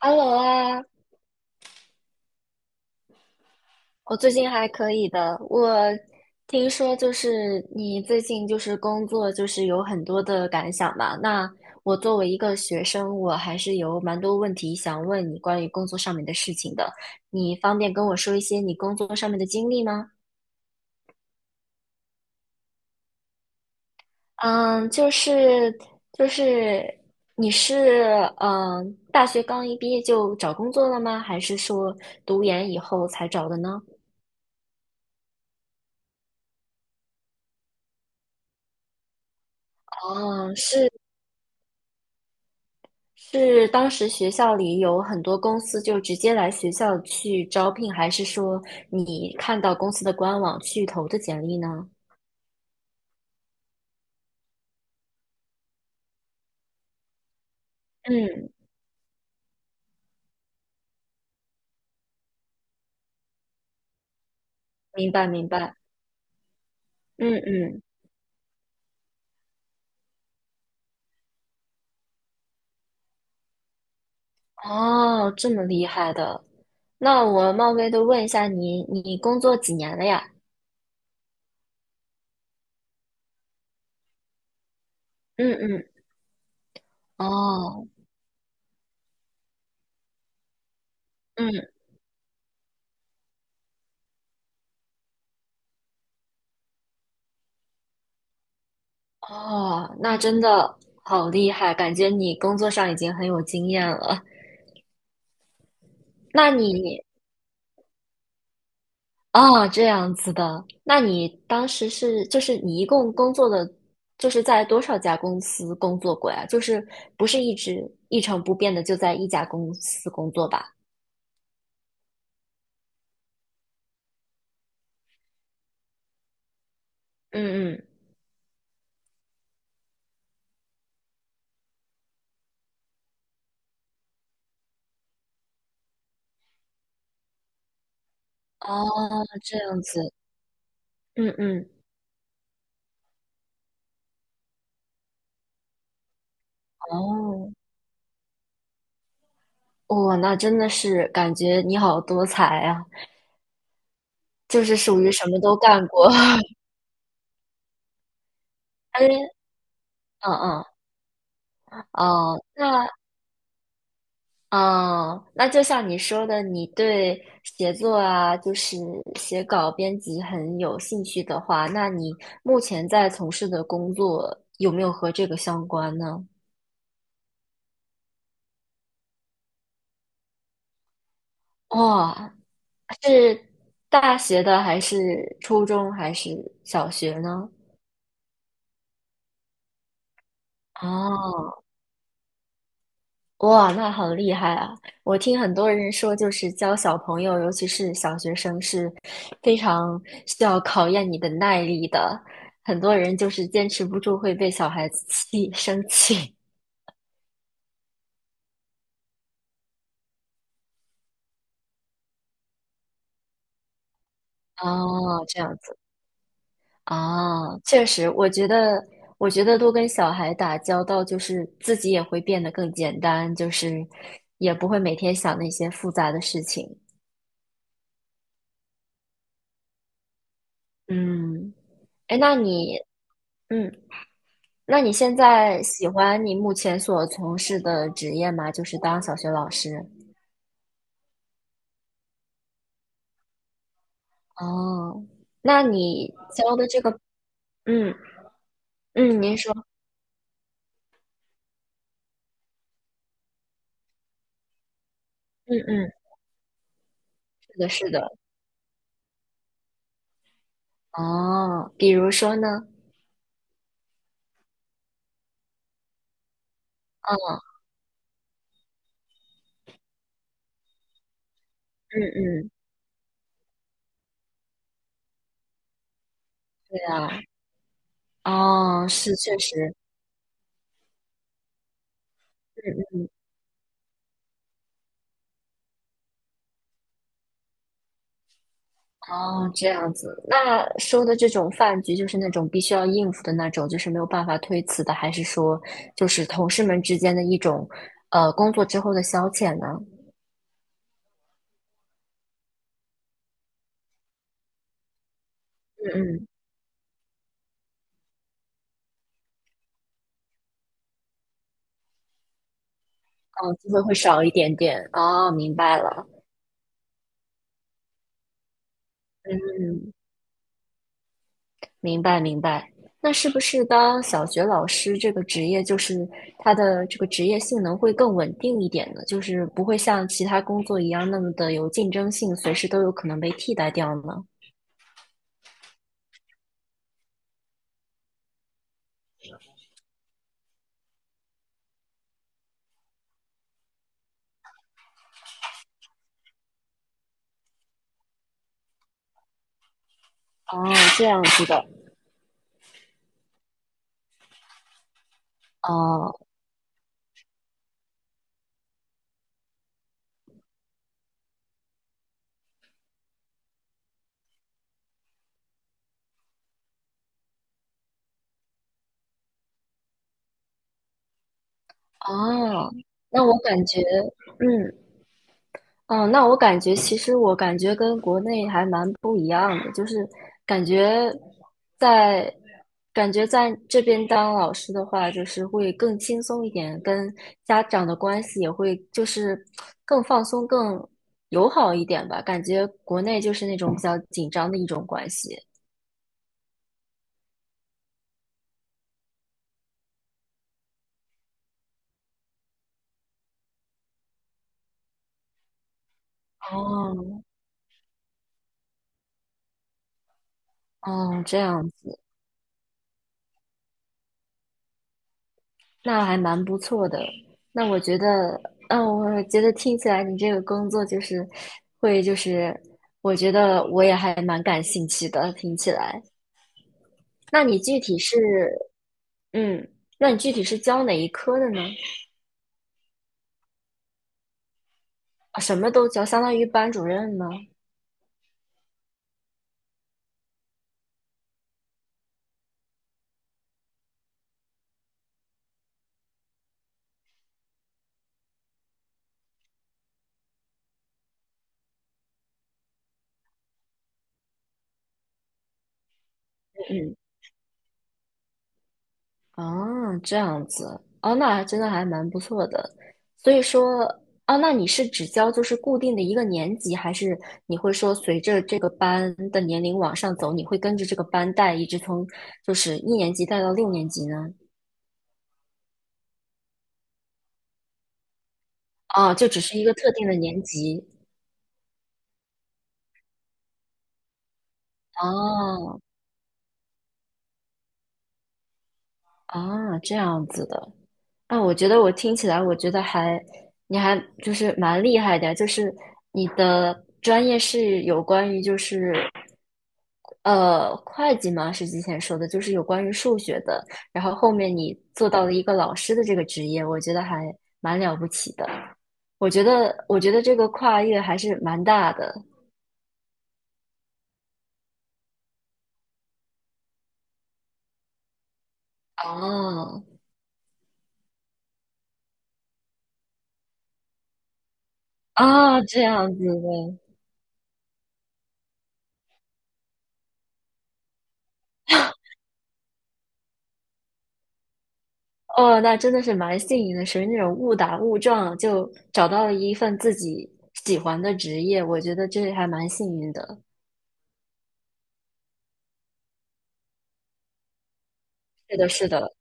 Hello 啊，我最近还可以的。我听说就是你最近就是工作就是有很多的感想嘛。那我作为一个学生，我还是有蛮多问题想问你关于工作上面的事情的。你方便跟我说一些你工作上面的经历吗？嗯，就是你是大学刚一毕业就找工作了吗？还是说读研以后才找的呢？哦，是。是当时学校里有很多公司就直接来学校去招聘，还是说你看到公司的官网去投的简历呢？嗯，明白明白，嗯嗯，哦，这么厉害的，那我冒昧的问一下你，你工作几年了呀？嗯嗯，哦，嗯。哦，那真的好厉害，感觉你工作上已经很有经验了。那你哦，这样子的。那你当时是，就是你一共工作的，就是在多少家公司工作过呀？就是不是一直一成不变的就在一家公司工作吧？嗯嗯，哦，这样子。嗯嗯，哦，哇，那真的是感觉你好多才啊，就是属于什么都干过。哎，嗯嗯，哦，哦，那就像你说的，你对写作啊，就是写稿、编辑很有兴趣的话，那你目前在从事的工作有没有和这个相关呢？哇，是大学的还是初中还是小学呢？哦，哇，那好厉害啊！我听很多人说，就是教小朋友，尤其是小学生，是非常需要考验你的耐力的。很多人就是坚持不住，会被小孩子生气。哦，这样子啊，确实，我觉得多跟小孩打交道，就是自己也会变得更简单，就是也不会每天想那些复杂的事情。嗯，哎，嗯那你现在喜欢你目前所从事的职业吗？就是当小学老师。哦，那你教的这个，嗯嗯，您说，嗯嗯，是的，是的。哦，比如说呢？嗯嗯嗯，对啊。哦，是确实，嗯嗯，哦，这样子。那说的这种饭局，就是那种必须要应付的那种，就是没有办法推辞的，还是说就是同事们之间的一种，工作之后的消遣呢？嗯。哦，机会会少一点点。哦，明白了。嗯，明白明白。那是不是当小学老师这个职业，就是他的这个职业性能会更稳定一点呢？就是不会像其他工作一样那么的有竞争性，随时都有可能被替代掉呢？哦，这样子的。哦哦，那我感觉，嗯，嗯，那我感觉其实我感觉跟国内还蛮不一样的，就是感觉在感觉在这边当老师的话，就是会更轻松一点，跟家长的关系也会就是更放松、更友好一点吧。感觉国内就是那种比较紧张的一种关系。哦，哦，这样。那还蛮不错的。那我觉得，嗯，我觉得听起来你这个工作就是会，就是我觉得我也还蛮感兴趣的。听起来，那你具体是，嗯，那你具体是教哪一科的呢？啊什么都教，相当于班主任吗？嗯。啊，这样子，哦，那还真的还蛮不错的。所以说，哦，那你是只教就是固定的一个年级，还是你会说随着这个班的年龄往上走，你会跟着这个班带，一直从就是一年级带到六年级呢？哦，就只是一个特定的年级。哦，啊，这样子的。啊，我觉得我听起来，我觉得还，你还就是蛮厉害的，就是你的专业是有关于就是会计吗？是之前说的，就是有关于数学的，然后后面你做到了一个老师的这个职业，我觉得还蛮了不起的。我觉得这个跨越还是蛮大的。哦，啊，这样子的，哦，那真的是蛮幸运的，属于那种误打误撞就找到了一份自己喜欢的职业，我觉得这还蛮幸运的。是的，是的，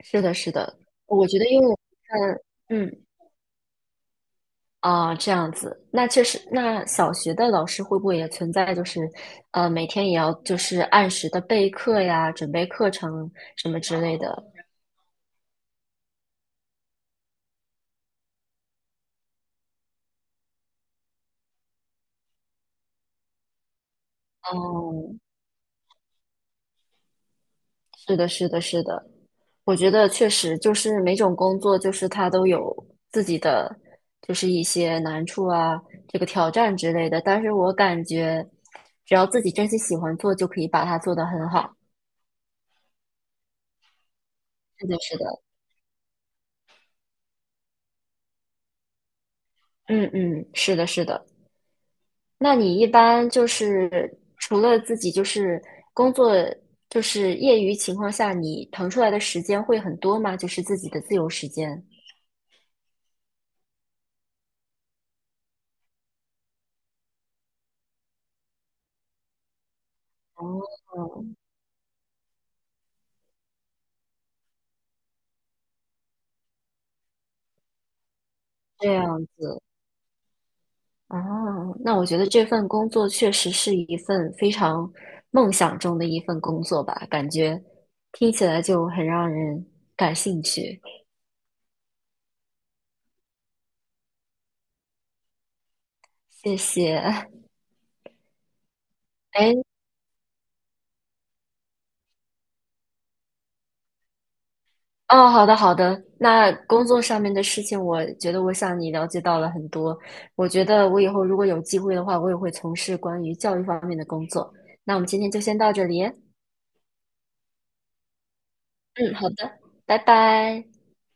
是的，是的，我觉得因为嗯嗯，啊，这样子，那确实，那小学的老师会不会也存在，就是每天也要就是按时的备课呀，准备课程什么之类的？哦，是的，是的，是的。我觉得确实就是每种工作，就是它都有自己的，就是一些难处啊，这个挑战之类的。但是我感觉，只要自己真心喜欢做，就可以把它做得很好。是的，是的，嗯嗯，是的，是的。那你一般就是除了自己就是工作，就是业余情况下，你腾出来的时间会很多吗？就是自己的自由时间。哦，这样子，哦，那我觉得这份工作确实是一份非常梦想中的一份工作吧，感觉听起来就很让人感兴趣。谢谢。哎，哦，好的好的，那工作上面的事情，我觉得我向你了解到了很多。我觉得我以后如果有机会的话，我也会从事关于教育方面的工作。那我们今天就先到这里。嗯，好的，拜拜。